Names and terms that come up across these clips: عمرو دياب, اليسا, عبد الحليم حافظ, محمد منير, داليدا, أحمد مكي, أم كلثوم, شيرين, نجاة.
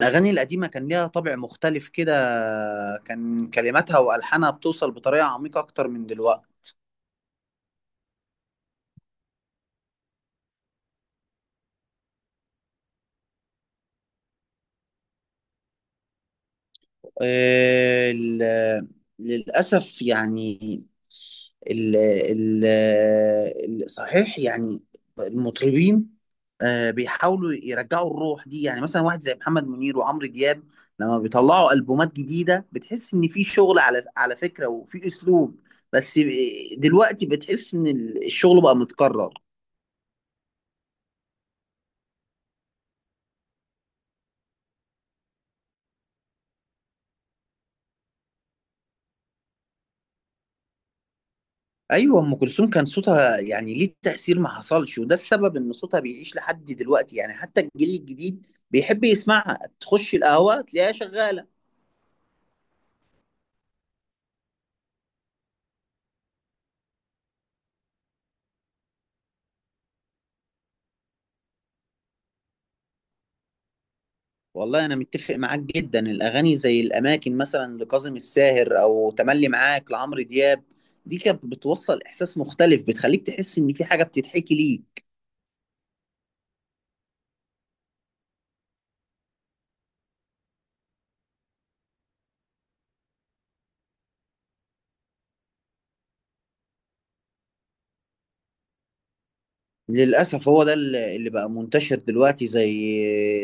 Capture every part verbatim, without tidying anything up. الأغاني القديمة كان ليها طابع مختلف كده، كان كلماتها وألحانها بتوصل بطريقة عميقة أكتر من دلوقتي. آه، ال- للأسف يعني. ال ال ال- صحيح يعني. المطربين آه، بيحاولوا يرجعوا الروح دي، يعني مثلا واحد زي محمد منير وعمرو دياب، لما بيطلعوا ألبومات جديدة بتحس إن في شغل على على فكرة وفي أسلوب. بس دلوقتي بتحس إن الشغل بقى متكرر. ايوه، ام كلثوم كان صوتها يعني ليه تاثير ما حصلش، وده السبب ان صوتها بيعيش لحد دلوقتي، يعني حتى الجيل الجديد بيحب يسمعها، تخش القهوه تلاقيها شغاله. والله انا متفق معاك جدا، الاغاني زي الاماكن مثلا لكاظم الساهر او تملي معاك لعمرو دياب، دي كانت بتوصل احساس مختلف، بتخليك تحس ان في حاجه بتتحكي ليك. للأسف هو ده اللي اللي بقى منتشر دلوقتي زي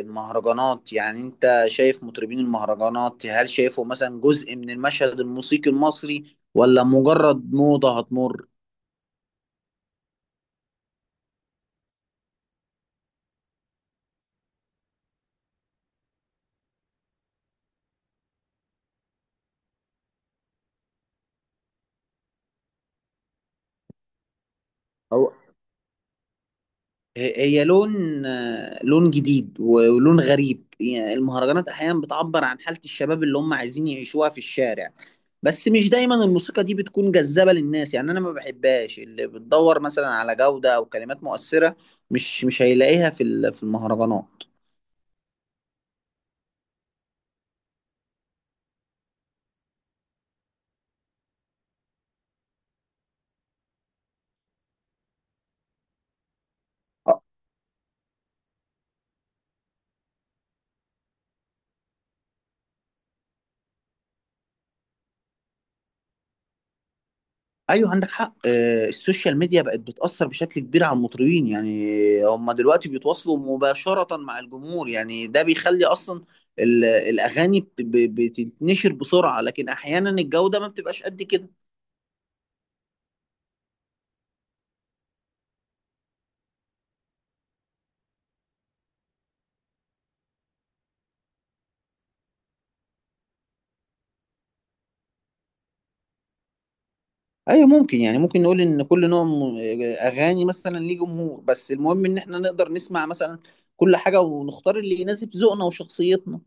المهرجانات. يعني انت شايف مطربين المهرجانات، هل شايفه مثلا جزء من المشهد الموسيقي المصري ولا مجرد موضة هتمر؟ هي لون، آه، لون جديد ولون غريب، يعني المهرجانات احيانا بتعبر عن حالة الشباب اللي هم عايزين يعيشوها في الشارع. بس مش دايما الموسيقى دي بتكون جذابة للناس، يعني انا ما بحبهاش. اللي بتدور مثلا على جودة او كلمات مؤثرة، مش مش هيلاقيها في ال- في المهرجانات. ايوه، عندك حق. آه، السوشيال ميديا بقت بتأثر بشكل كبير على المطربين، يعني هم دلوقتي بيتواصلوا مباشرة مع الجمهور، يعني ده بيخلي اصلا ال- الاغاني بت- ب- بتتنشر بسرعة، لكن احيانا الجودة ما بتبقاش قد كده. ايوه، ممكن، يعني ممكن نقول ان كل نوع م- اغاني مثلا ليه جمهور، بس المهم ان احنا نقدر نسمع مثلا كل حاجة ونختار اللي يناسب ذوقنا وشخصيتنا.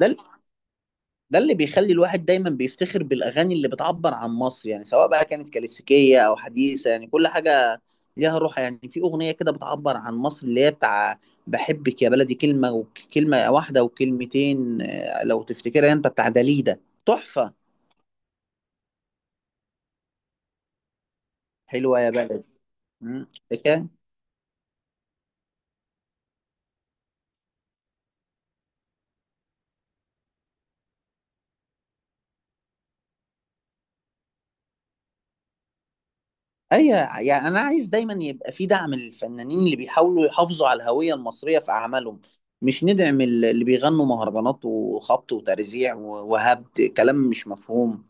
ده ده اللي بيخلي الواحد دايما بيفتخر بالاغاني اللي بتعبر عن مصر، يعني سواء بقى كانت كلاسيكيه او حديثه، يعني كل حاجه ليها روح. يعني في اغنيه كده بتعبر عن مصر اللي هي بتاع بحبك يا بلدي، كلمه وكلمه واحده وكلمتين، آه، لو تفتكرها، انت بتاع داليدا. تحفه. حلوه يا بلدي. مم. فاكرها؟ ايوه، يعني انا عايز دايما يبقى في دعم للفنانين اللي بيحاولوا يحافظوا على الهويه المصريه في اعمالهم، مش ندعم ال- اللي بيغنوا مهرجانات وخبط وترزيع و- وهبد كلام مش مفهوم.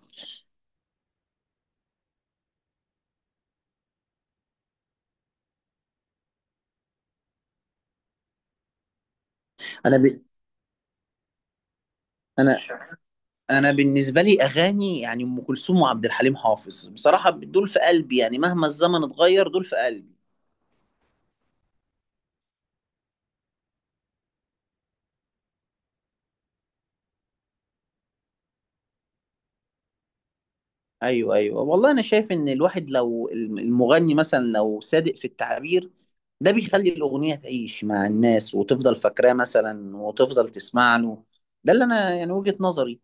انا ب... انا انا بالنسبه لي اغاني يعني ام كلثوم وعبد الحليم حافظ، بصراحه دول في قلبي، يعني مهما الزمن اتغير دول في قلبي. ايوه، ايوه، والله انا شايف ان الواحد لو الم- المغني مثلا لو صادق في التعبير، ده بيخلي الاغنيه تعيش مع الناس وتفضل فاكراه مثلا وتفضل تسمع له. ده اللي انا يعني وجهه نظري.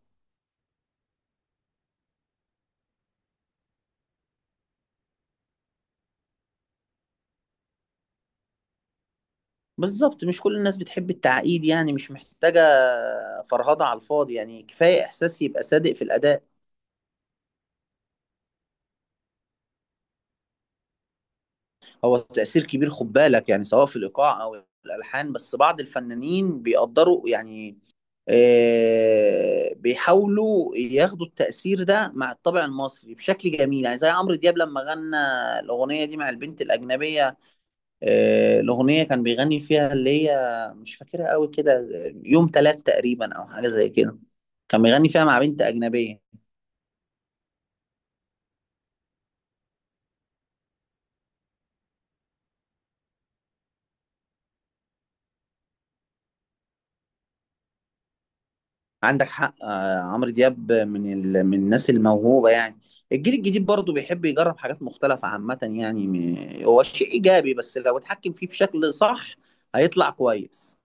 بالظبط، مش كل الناس بتحب التعقيد، يعني مش محتاجه فرهضه على الفاضي، يعني كفايه احساس يبقى صادق في الاداء. هو تأثير كبير، خد بالك، يعني سواء في الإيقاع أو الألحان، بس بعض الفنانين بيقدروا يعني آه، بيحاولوا ياخدوا التأثير ده مع الطابع المصري بشكل جميل، يعني زي عمرو دياب لما غنى الأغنية دي مع البنت الأجنبية. آه، الأغنية كان بيغني فيها اللي هي مش فاكرها قوي كده، يوم تلات تقريبا أو حاجة زي كده. كان بيغني فيها مع بنت أجنبية. عندك حق. آه، عمرو دياب من ال... من الناس الموهوبه، يعني الجيل الجديد برضه بيحب يجرب حاجات مختلفه عامه، يعني م- هو الشيء ايجابي بس لو اتحكم فيه بشكل صح هيطلع كويس.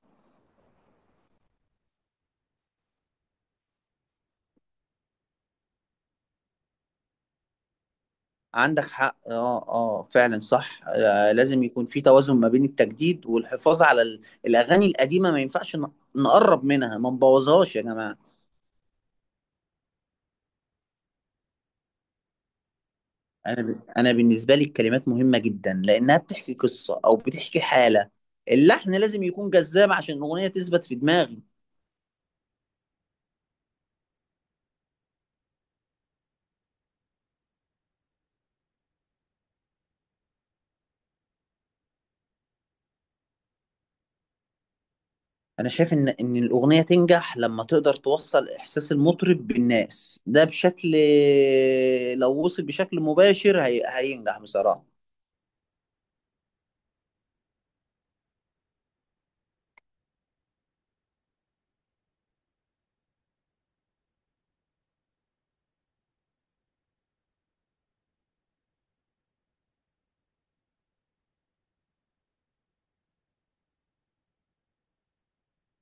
عندك حق. اه، اه، فعلا، صح. آه لازم يكون في توازن ما بين التجديد والحفاظ على ال... الاغاني القديمه. ما ينفعش ن... نقرب منها، ما نبوظهاش يا جماعه. انا ب... انا بالنسبه لي الكلمات مهمه جدا لانها بتحكي قصه او بتحكي حاله. اللحن لازم يكون جذاب عشان الاغنيه تثبت في دماغي. انا شايف ان ان الاغنيه تنجح لما تقدر توصل احساس المطرب بالناس، ده بشكل، لو وصل بشكل مباشر هي... هينجح بصراحه.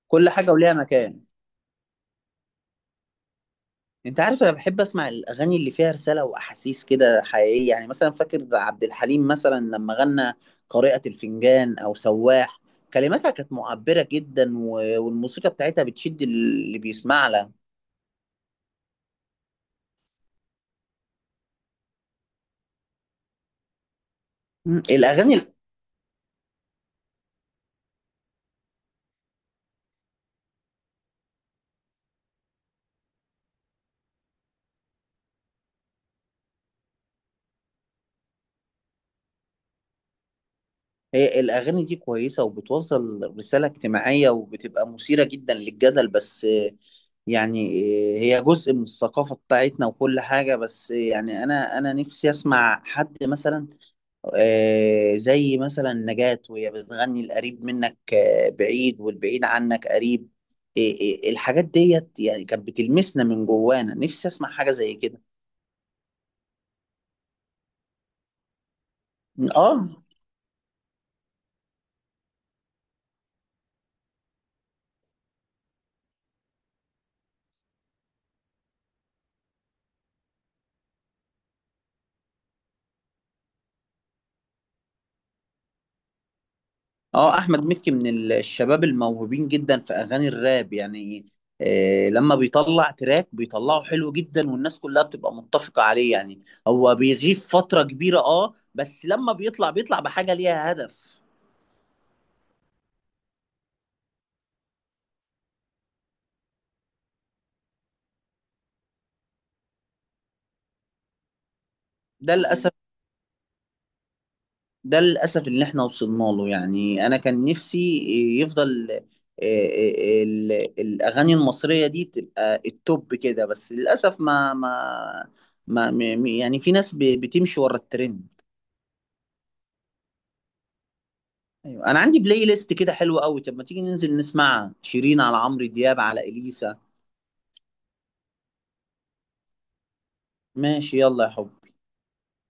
كل حاجه وليها مكان. انت عارف انا بحب اسمع الاغاني اللي فيها رساله واحاسيس كده حقيقيه، يعني مثلا فاكر عبد الحليم مثلا لما غنى قارئة الفنجان او سواح، كلماتها كانت معبره جدا، و... والموسيقى بتاعتها بتشد اللي بيسمع لها. م. الاغاني. هي الأغاني دي كويسة وبتوصل رسالة اجتماعية وبتبقى مثيرة جدا للجدل، بس آه، يعني، آه، هي جزء من الثقافة بتاعتنا وكل حاجة، بس آه، يعني أنا أنا نفسي أسمع حد مثلا آه، زي مثلا نجاة وهي بتغني القريب منك، آه، بعيد والبعيد عنك قريب. آه، آه، الحاجات ديت يعني كانت بتلمسنا من جوانا، نفسي أسمع حاجة زي كده. آه اه احمد مكي من ال- الشباب الموهوبين جدا في اغاني الراب، يعني آه لما بيطلع تراك بيطلعه حلو جدا والناس كلها بتبقى متفقة عليه، يعني هو بيغيب فترة كبيرة، اه بس لما بيطلع بيطلع بحاجة ليها هدف. ده للأسف ده للأسف اللي احنا وصلنا له، يعني انا كان نفسي يفضل. آه، آه، ال- الاغاني المصرية دي تبقى التوب كده، بس للأسف ما ما ما م- م- يعني في ناس ب- بتمشي ورا الترند. ايوه، انا عندي بلاي ليست كده حلوه قوي، طب ما تيجي ننزل نسمع شيرين على عمرو دياب على اليسا. ماشي، يلا يا حب.